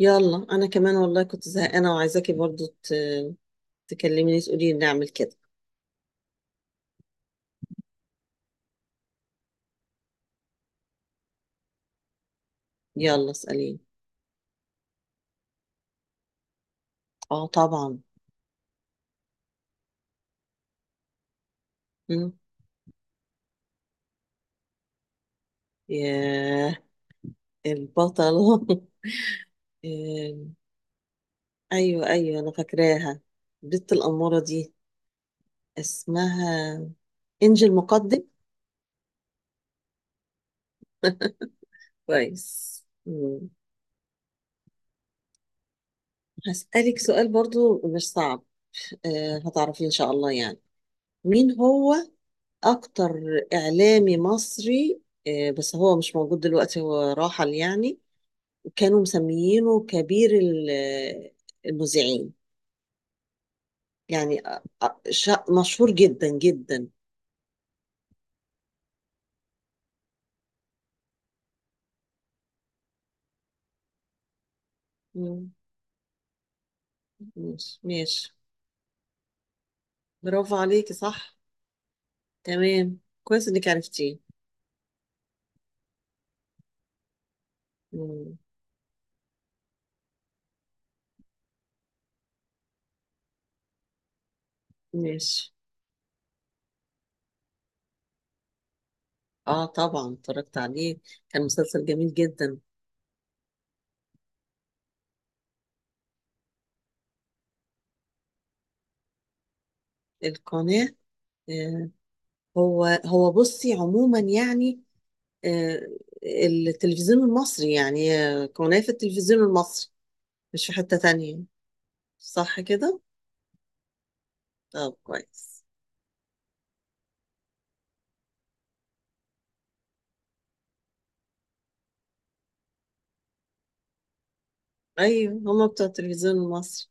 يلا، انا كمان والله كنت زهقانه وعايزاكي برضو تكلميني، تقولي لي نعمل كده. يلا اساليني. اه، طبعا. مم. ياه. البطله آم، ايوه، ايوه، انا فاكراها. البت الاموره دي اسمها انجل مقدم. كويس. مم. هسالك سؤال، برضو مش صعب. هتعرفي ان شاء الله يعني. مين هو اكتر اعلامي مصري؟ بس هو مش موجود دلوقتي، هو راحل يعني. كانوا مسميينه كبير المذيعين. يعني مشهور جدا جدا. مم. ماشي، ماشي. برافو عليكي، صح، تمام، كويس انك عرفتيه. مم. ماشي. اه، طبعا اتفرجت عليه. كان مسلسل جميل جدا. القناة. آه، هو بصي، عموما يعني. آه، التلفزيون المصري، يعني قناة في التلفزيون المصري. مش في حتة تانية. صح كده؟ طب، كويس. أيوة، هما بتوع التلفزيون المصري.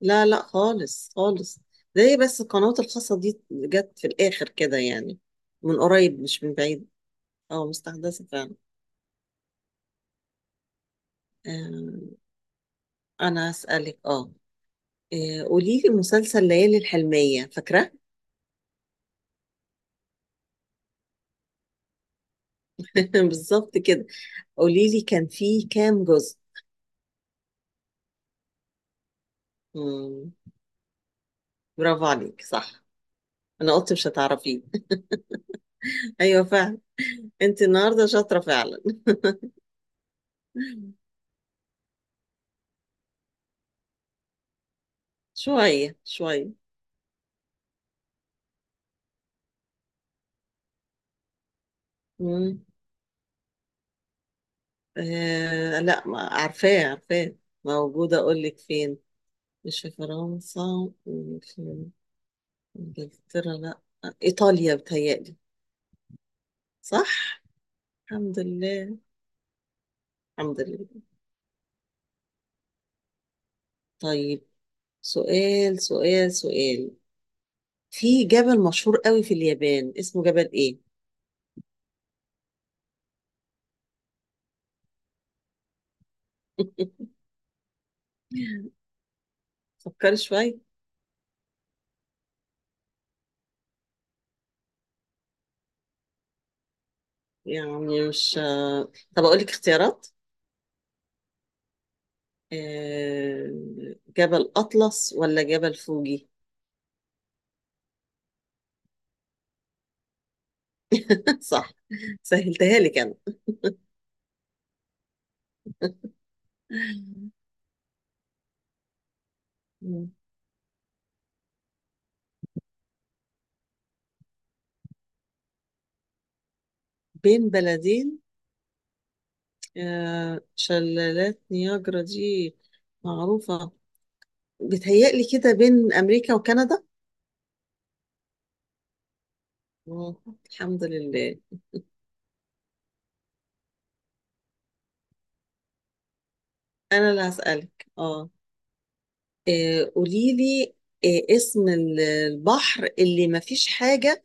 لا، لا، خالص خالص. ده هي بس القنوات الخاصة دي جت في الآخر كده يعني، من قريب مش من بعيد. اه، مستحدثة فعلا. آه، أنا أسألك، اه. قولي لي مسلسل ليالي الحلمية، فاكرة؟ بالظبط كده. قولي لي، كان فيه كام جزء؟ مم. برافو عليك، صح. انا قلت مش هتعرفيه. ايوه فعلا. انت النهارده شاطره فعلا. شويه شويه. مم. آه، لا، ما عارفاه عارفاه. موجوده، اقول لك فين. مش في فرنسا، مش في انجلترا، لا، ايطاليا بتهيألي. صح. الحمد لله. الحمد لله. طيب. سؤال، سؤال، سؤال. في جبل مشهور قوي في اليابان، اسمه جبل ايه؟ فكري شويه. يعني مش. طب اقول لك اختيارات. آه، جبل أطلس ولا جبل فوجي؟ صح. سهلتها لك أنا. بين بلدين. شلالات نياجرا دي معروفة، بتهيألي كده بين أمريكا وكندا. آه، الحمد لله. أنا اللي هسألك، اه. قوليلي، اسم البحر اللي مفيش حاجة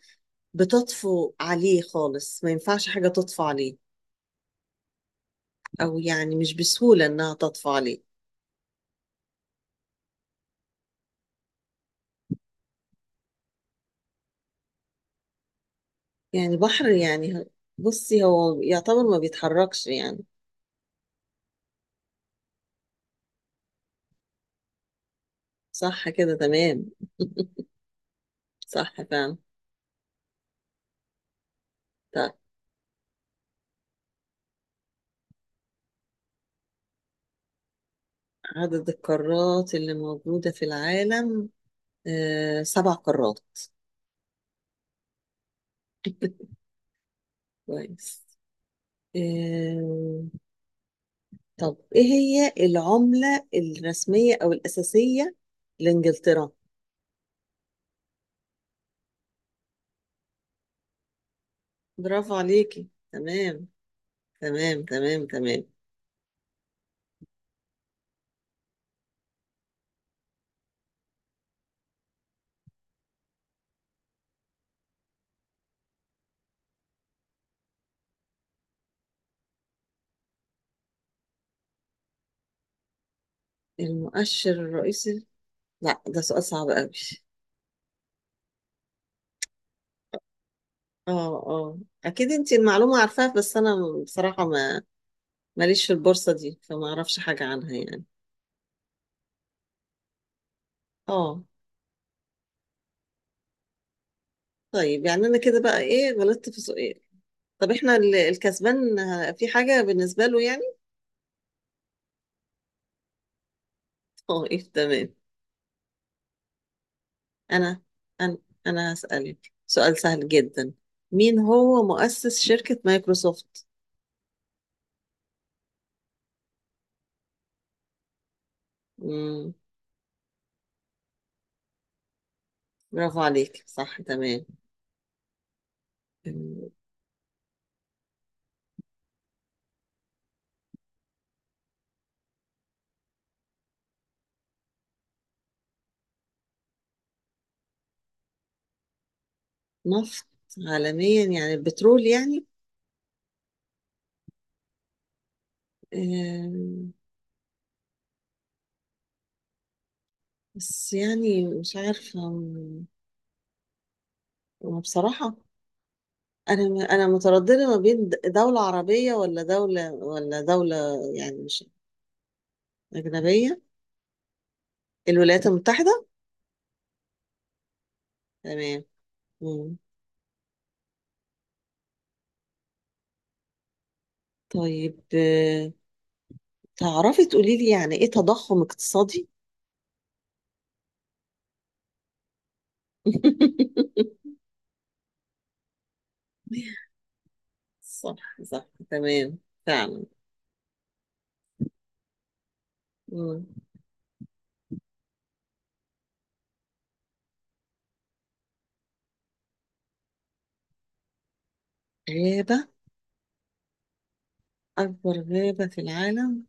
بتطفو عليه خالص، ما ينفعش حاجة تطفو عليه، أو يعني مش بسهولة إنها تطفو عليه. يعني بحر يعني بصي، هو يعتبر ما بيتحركش يعني. صح كده، تمام. صح فعلا. طيب. عدد القارات اللي موجودة في العالم. سبع قارات. كويس. آه طب، ايه هي العملة الرسمية او الأساسية لإنجلترا؟ برافو عليكي، تمام، تمام، تمام، تمام. المؤشر الرئيسي. لا، ده سؤال صعب قوي. اه، اه، اكيد انت المعلومة عارفاها، بس انا بصراحة ما ماليش في البورصة دي، فما اعرفش حاجة عنها يعني. اه. طيب، يعني انا كده بقى ايه، غلطت في سؤال. طب احنا الكسبان في حاجة بالنسبة له يعني؟ اه، ايه، تمام. انا انا انا هسألك سؤال سهل جدا. مين هو مؤسس شركة مايكروسوفت؟ مم. برافو عليك، صح، تمام. مم، نفط عالميا، يعني البترول يعني. آه، بس يعني مش عارفة ما بصراحة. أنا مترددة ما بين دولة عربية، ولا دولة، ولا دولة. يعني مش، أجنبية. الولايات المتحدة. تمام. مم. طيب، تعرفي تقولي لي يعني إيه تضخم اقتصادي؟ صح، صح، تمام، فعلا. مم. غابة. أكبر غابة في العالم.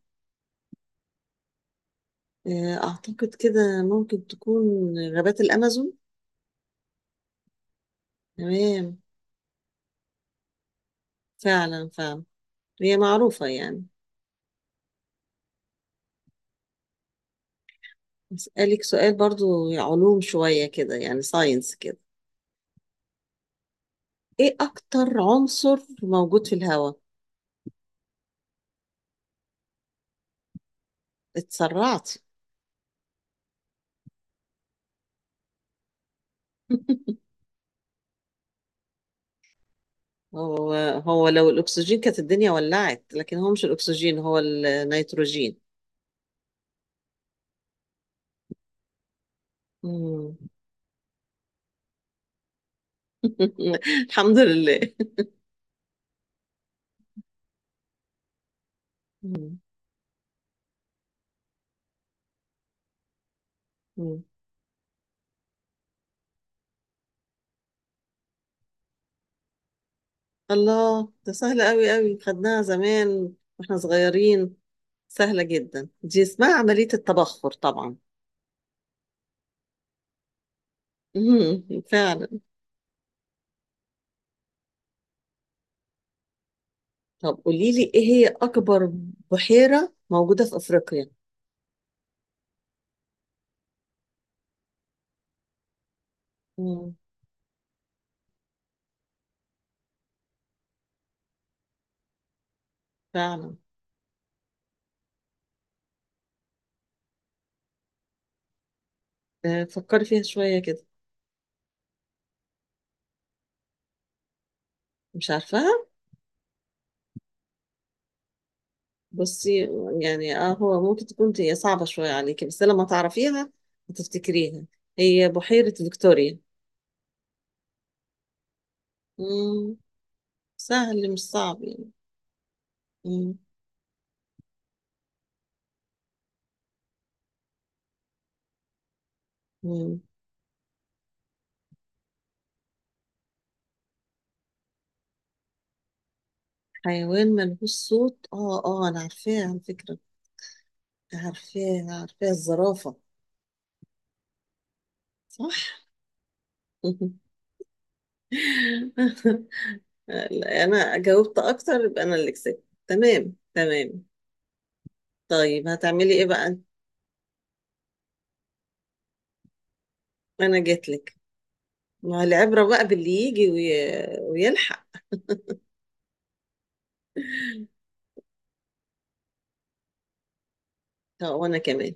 أعتقد كده ممكن تكون غابات الأمازون. تمام، فعلا، فعلا، هي معروفة يعني. أسألك سؤال برضو، علوم شوية كده يعني، ساينس كده. إيه أكتر عنصر موجود في الهواء؟ اتسرعت. هو هو لو الأكسجين كانت الدنيا ولعت، لكن هو مش الأكسجين، هو النيتروجين. مم. الحمد لله. مم. مم. الله، ده سهلة أوي أوي، خدناها زمان واحنا صغيرين. سهلة جدا دي، اسمها عملية التبخر طبعا. مم. فعلا. طب قولي لي، ايه هي اكبر بحيرة موجودة في افريقيا؟ مم. فعلا. فكري فيها شوية كده. مش عارفاها. بصي، يعني اه، هو ممكن تكون هي صعبة شوية عليكي، بس لما تعرفيها هتفتكريها. هي بحيرة فيكتوريا. مم. سهل مش صعب يعني. مم. مم. حيوان ملهوش صوت، اه، اه، انا عارفاها على فكرة، عارفاها عارفاها، الزرافة. صح. لا، انا جاوبت اكتر، يبقى انا اللي كسبت. تمام، تمام. طيب، هتعملي ايه بقى؟ انا جيت لك. ما هو العبرة بقى باللي يجي ويلحق. طب، وانا كمان.